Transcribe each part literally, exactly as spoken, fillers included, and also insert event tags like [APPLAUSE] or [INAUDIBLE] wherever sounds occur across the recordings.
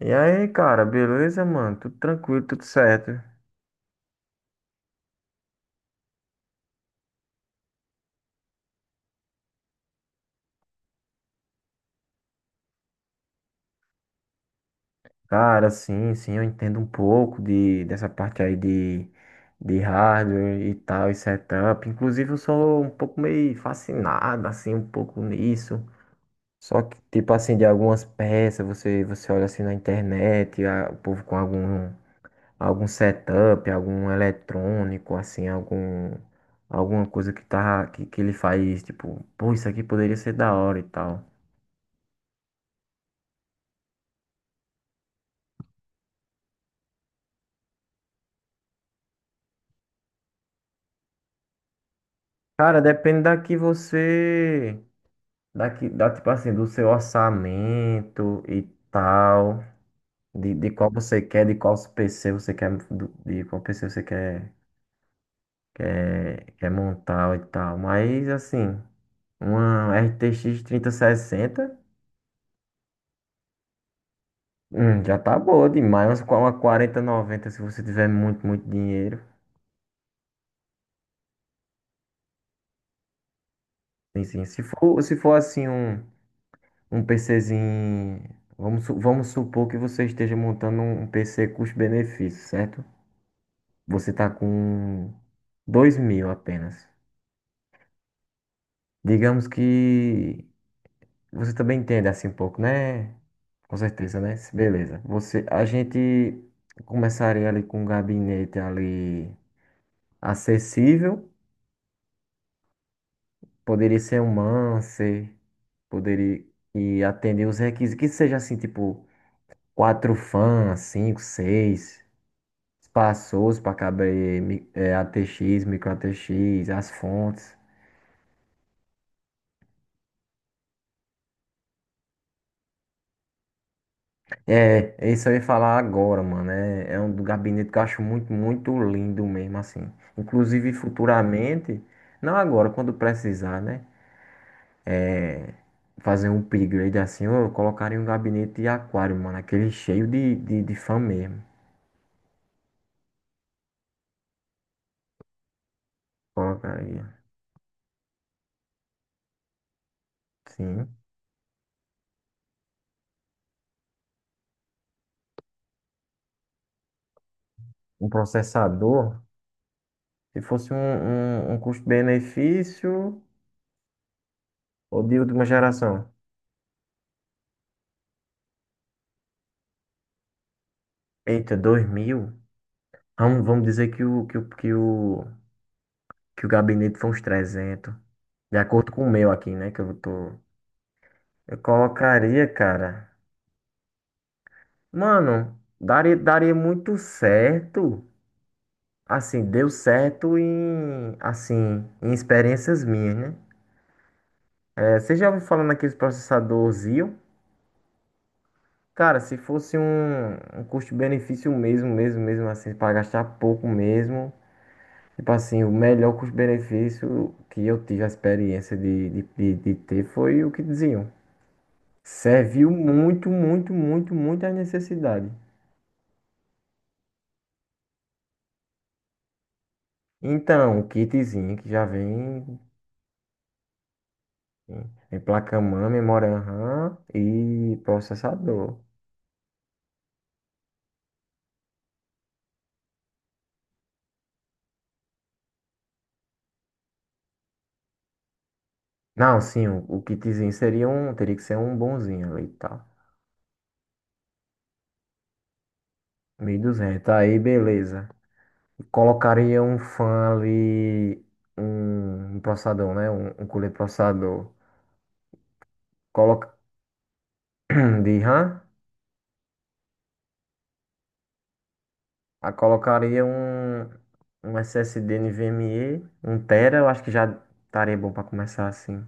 E aí, cara, beleza, mano? Tudo tranquilo, tudo certo. Cara, sim, sim, eu entendo um pouco de, dessa parte aí de, de hardware e tal, e setup. Inclusive, eu sou um pouco meio fascinado, assim, um pouco nisso. Só que, tipo assim, de algumas peças, você, você olha assim na internet, a- o povo com algum, algum setup, algum eletrônico, assim, algum, alguma coisa que, tá, que, que ele faz, tipo, pô, isso aqui poderia ser da hora e tal. Cara, depende da que você. Daqui, da, tipo assim, do seu orçamento e tal. De, de qual você quer, de qual P C você quer. do- De qual P C você quer, quer, quer montar e tal. Mas, assim, uma R T X trinta e sessenta hum, já tá boa demais. Mas com uma quarenta noventa se você tiver muito, muito dinheiro. Sim, sim. Se for, se for assim, um. Um PCzinho. Vamos, su- vamos supor que você esteja montando um P C custo-benefício, certo? Você está com dois mil apenas. Digamos que você também entende assim um pouco, né? Com certeza, né? Beleza. Você, a gente começaria ali com um gabinete ali acessível. Poderia ser um Mancer, poderia e atender os requisitos, que seja assim, tipo, quatro fãs, cinco, seis. Espaçoso para caber mi- é, A T X, micro A T X, as fontes. É, isso eu ia falar agora, mano. É, é um do gabinete que eu acho muito, muito lindo mesmo, assim. Inclusive, futuramente, não agora, quando precisar, né? É, Fazer um upgrade assim, eu colocaria um gabinete de aquário, mano. Aquele cheio de, de, de fã mesmo. Colocaria. Sim. Um processador. Se fosse um, um, um custo-benefício ou de última geração? Eita, dois mil? Vamos, vamos dizer que o, que o, que o, que o gabinete foi uns trezentos. De acordo com o meu aqui, né? Que eu tô. Eu colocaria, cara. Mano, daria, daria muito certo. Assim, deu certo em. Assim, em experiências minhas, né? É, você já ouviu falando aqui do processador Xeon? Cara, se fosse um, um custo-benefício mesmo, mesmo, mesmo assim, pra gastar pouco mesmo. Tipo assim, o melhor custo-benefício que eu tive a experiência de, de, de, de ter foi o que diziam. Serviu muito, muito, muito, muito à necessidade. Então, o kitzinho que já vem em placa-mãe, memória RAM e processador. Não, sim, o, o kitzinho seria um, teria que ser um bonzinho ali e tal. mil e duzentos, aí beleza. Colocaria um fã ali, um, um processador, né? Um, um cooler processador. Coloca [CLEARS THROAT] de RAM. Ah, colocaria um, um S S D NVMe, um tera, eu acho que já estaria bom para começar assim.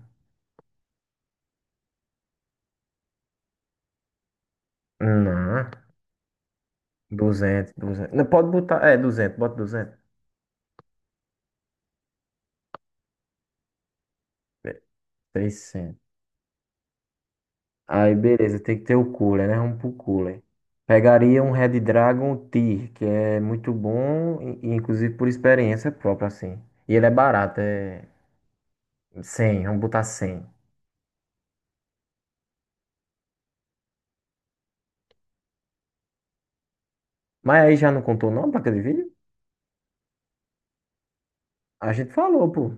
Não, duzentos, duzentos. Não, pode botar, é, duzentos. Bota duzentos. Be- trezentos. Aí, beleza, tem que ter o cooler, né? Vamos pro cooler. Pegaria um Red Dragon Tier, que é muito bom, e- e inclusive por experiência própria, assim. E ele é barato, é cem. Vamos botar cem. Mas aí já não contou não, placa de vídeo? A gente falou, pô.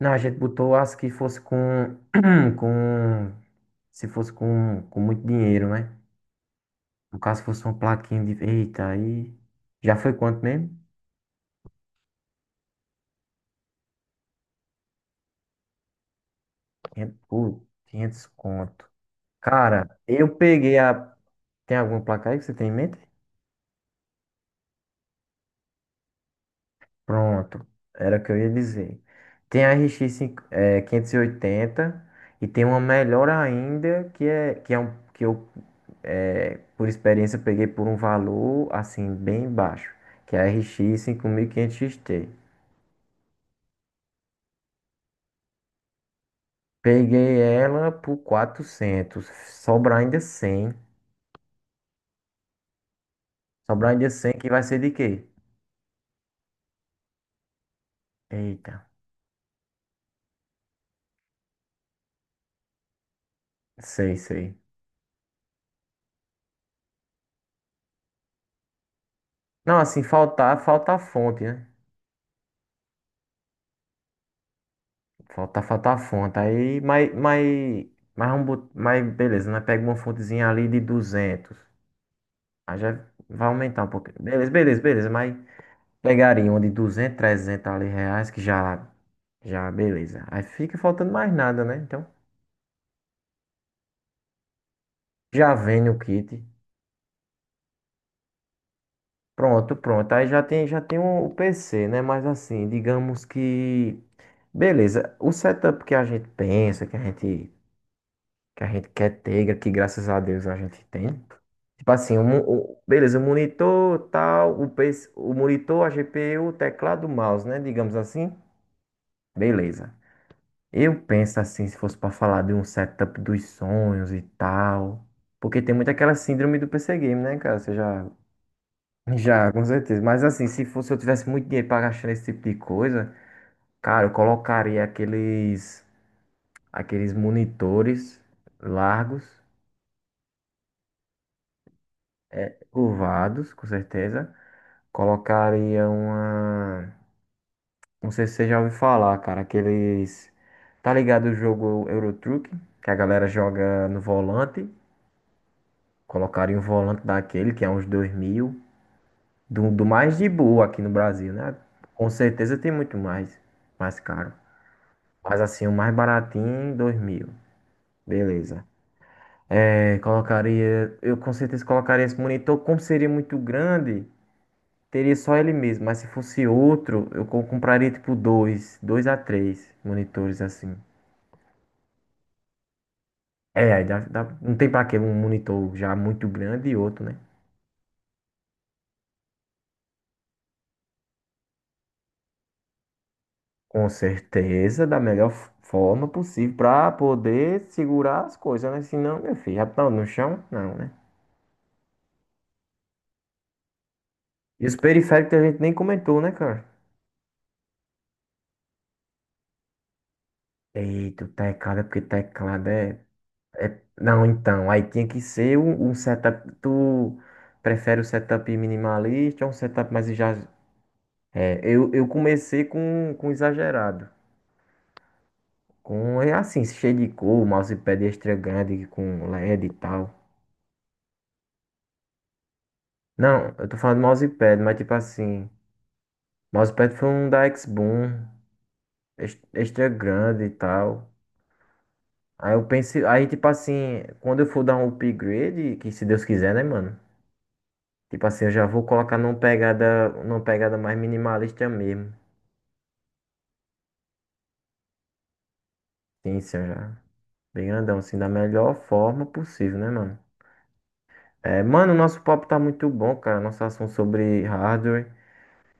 Não, a gente botou as que fosse com, [CLEARS THROAT] com, se fosse com, com muito dinheiro, né? No caso, fosse uma plaquinha de, eita, aí, já foi quanto mesmo? quinhentos, pô, quinhentos conto. Cara, eu peguei a, tem alguma placa aí que você tem em mente? Pronto, era o que eu ia dizer. Tem a R X cinco- é, quinhentos e oitenta e oitenta e tem uma melhor ainda, que é, que é um, que eu. É, por experiência, eu peguei por um valor assim bem baixo, que é a R X cinco mil e quinhentos X T. Peguei ela por quatrocentos, sobrar ainda cem. Sobrar ainda cem que vai ser de quê? Eita, sei, sei. Não, assim, faltar, falta a fonte, né? Falta, falta a fonte. Aí, mas, mas, mas, vamos bot- mas beleza, nós pega uma fontezinha ali de duzentos. Aí já vai aumentar um pouquinho. Beleza, beleza, beleza, mas pegaria uma de duzentos, trezentos ali reais, que já Já, beleza. Aí fica faltando mais nada, né? Então, já vem o kit. Pronto, pronto. Aí já tem, já tem, o P C, né? Mas assim, digamos que. Beleza. O setup que a gente pensa, que a gente, que a gente quer ter, que graças a Deus a gente tem. Tipo assim, o, mo- o- beleza, o monitor, tal, o, P C, o monitor, a G P U, o teclado, o mouse, né? Digamos assim. Beleza. Eu penso assim, se fosse pra falar de um setup dos sonhos e tal. Porque tem muito aquela síndrome do P C Game, né, cara? Você já. [LAUGHS] Já, com certeza. Mas assim, se fosse eu tivesse muito dinheiro pra gastar nesse tipo de coisa, cara, eu colocaria aqueles. Aqueles monitores largos, é, curvados, com certeza. Colocaria uma. Não sei se você já ouviu falar, cara, aqueles. Tá ligado o jogo Euro Truck, que a galera joga no volante? Colocaram um volante daquele, que é uns dois mil, do, do mais de boa aqui no Brasil, né? Com certeza tem muito mais, mais caro. Mas assim, o mais baratinho, dois mil. Beleza. É, colocaria, eu com certeza colocaria esse monitor, como seria muito grande, teria só ele mesmo. Mas se fosse outro, eu co- compraria tipo dois, dois a três monitores assim. É, aí dá, dá- não tem pra que um monitor já muito grande e outro, né? Com certeza, da melhor f- forma possível, para poder segurar as coisas, né? Senão, meu filho, já tá no chão? Não, né? E os periféricos a gente nem comentou, né, cara? Eita, o teclado é porque teclado é. Não, então, aí tinha que ser um, um setup. Tu prefere o setup minimalista ou um setup mais já. É, eu, eu comecei com, com exagerado. Com, é assim, cheio de cor, mousepad extra grande com L E D e D e tal. Não, eu tô falando mousepad, mas tipo assim. Mousepad foi um da X-Boom, ex- extra grande e tal. Aí eu pensei, aí tipo assim, quando eu for dar um upgrade, que se Deus quiser, né, mano? Tipo assim, eu já vou colocar numa pegada, numa pegada mais minimalista mesmo. Sim, sim, eu já. Bem grandão, assim, da melhor forma possível, né, mano? É, mano, o nosso papo tá muito bom, cara. Nosso assunto sobre hardware.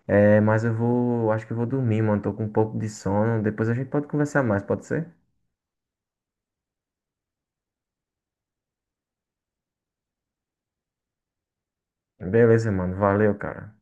É, mas eu vou, acho que eu vou dormir, mano. Tô com um pouco de sono. Depois a gente pode conversar mais, pode ser? Beleza, mano. Valeu, cara.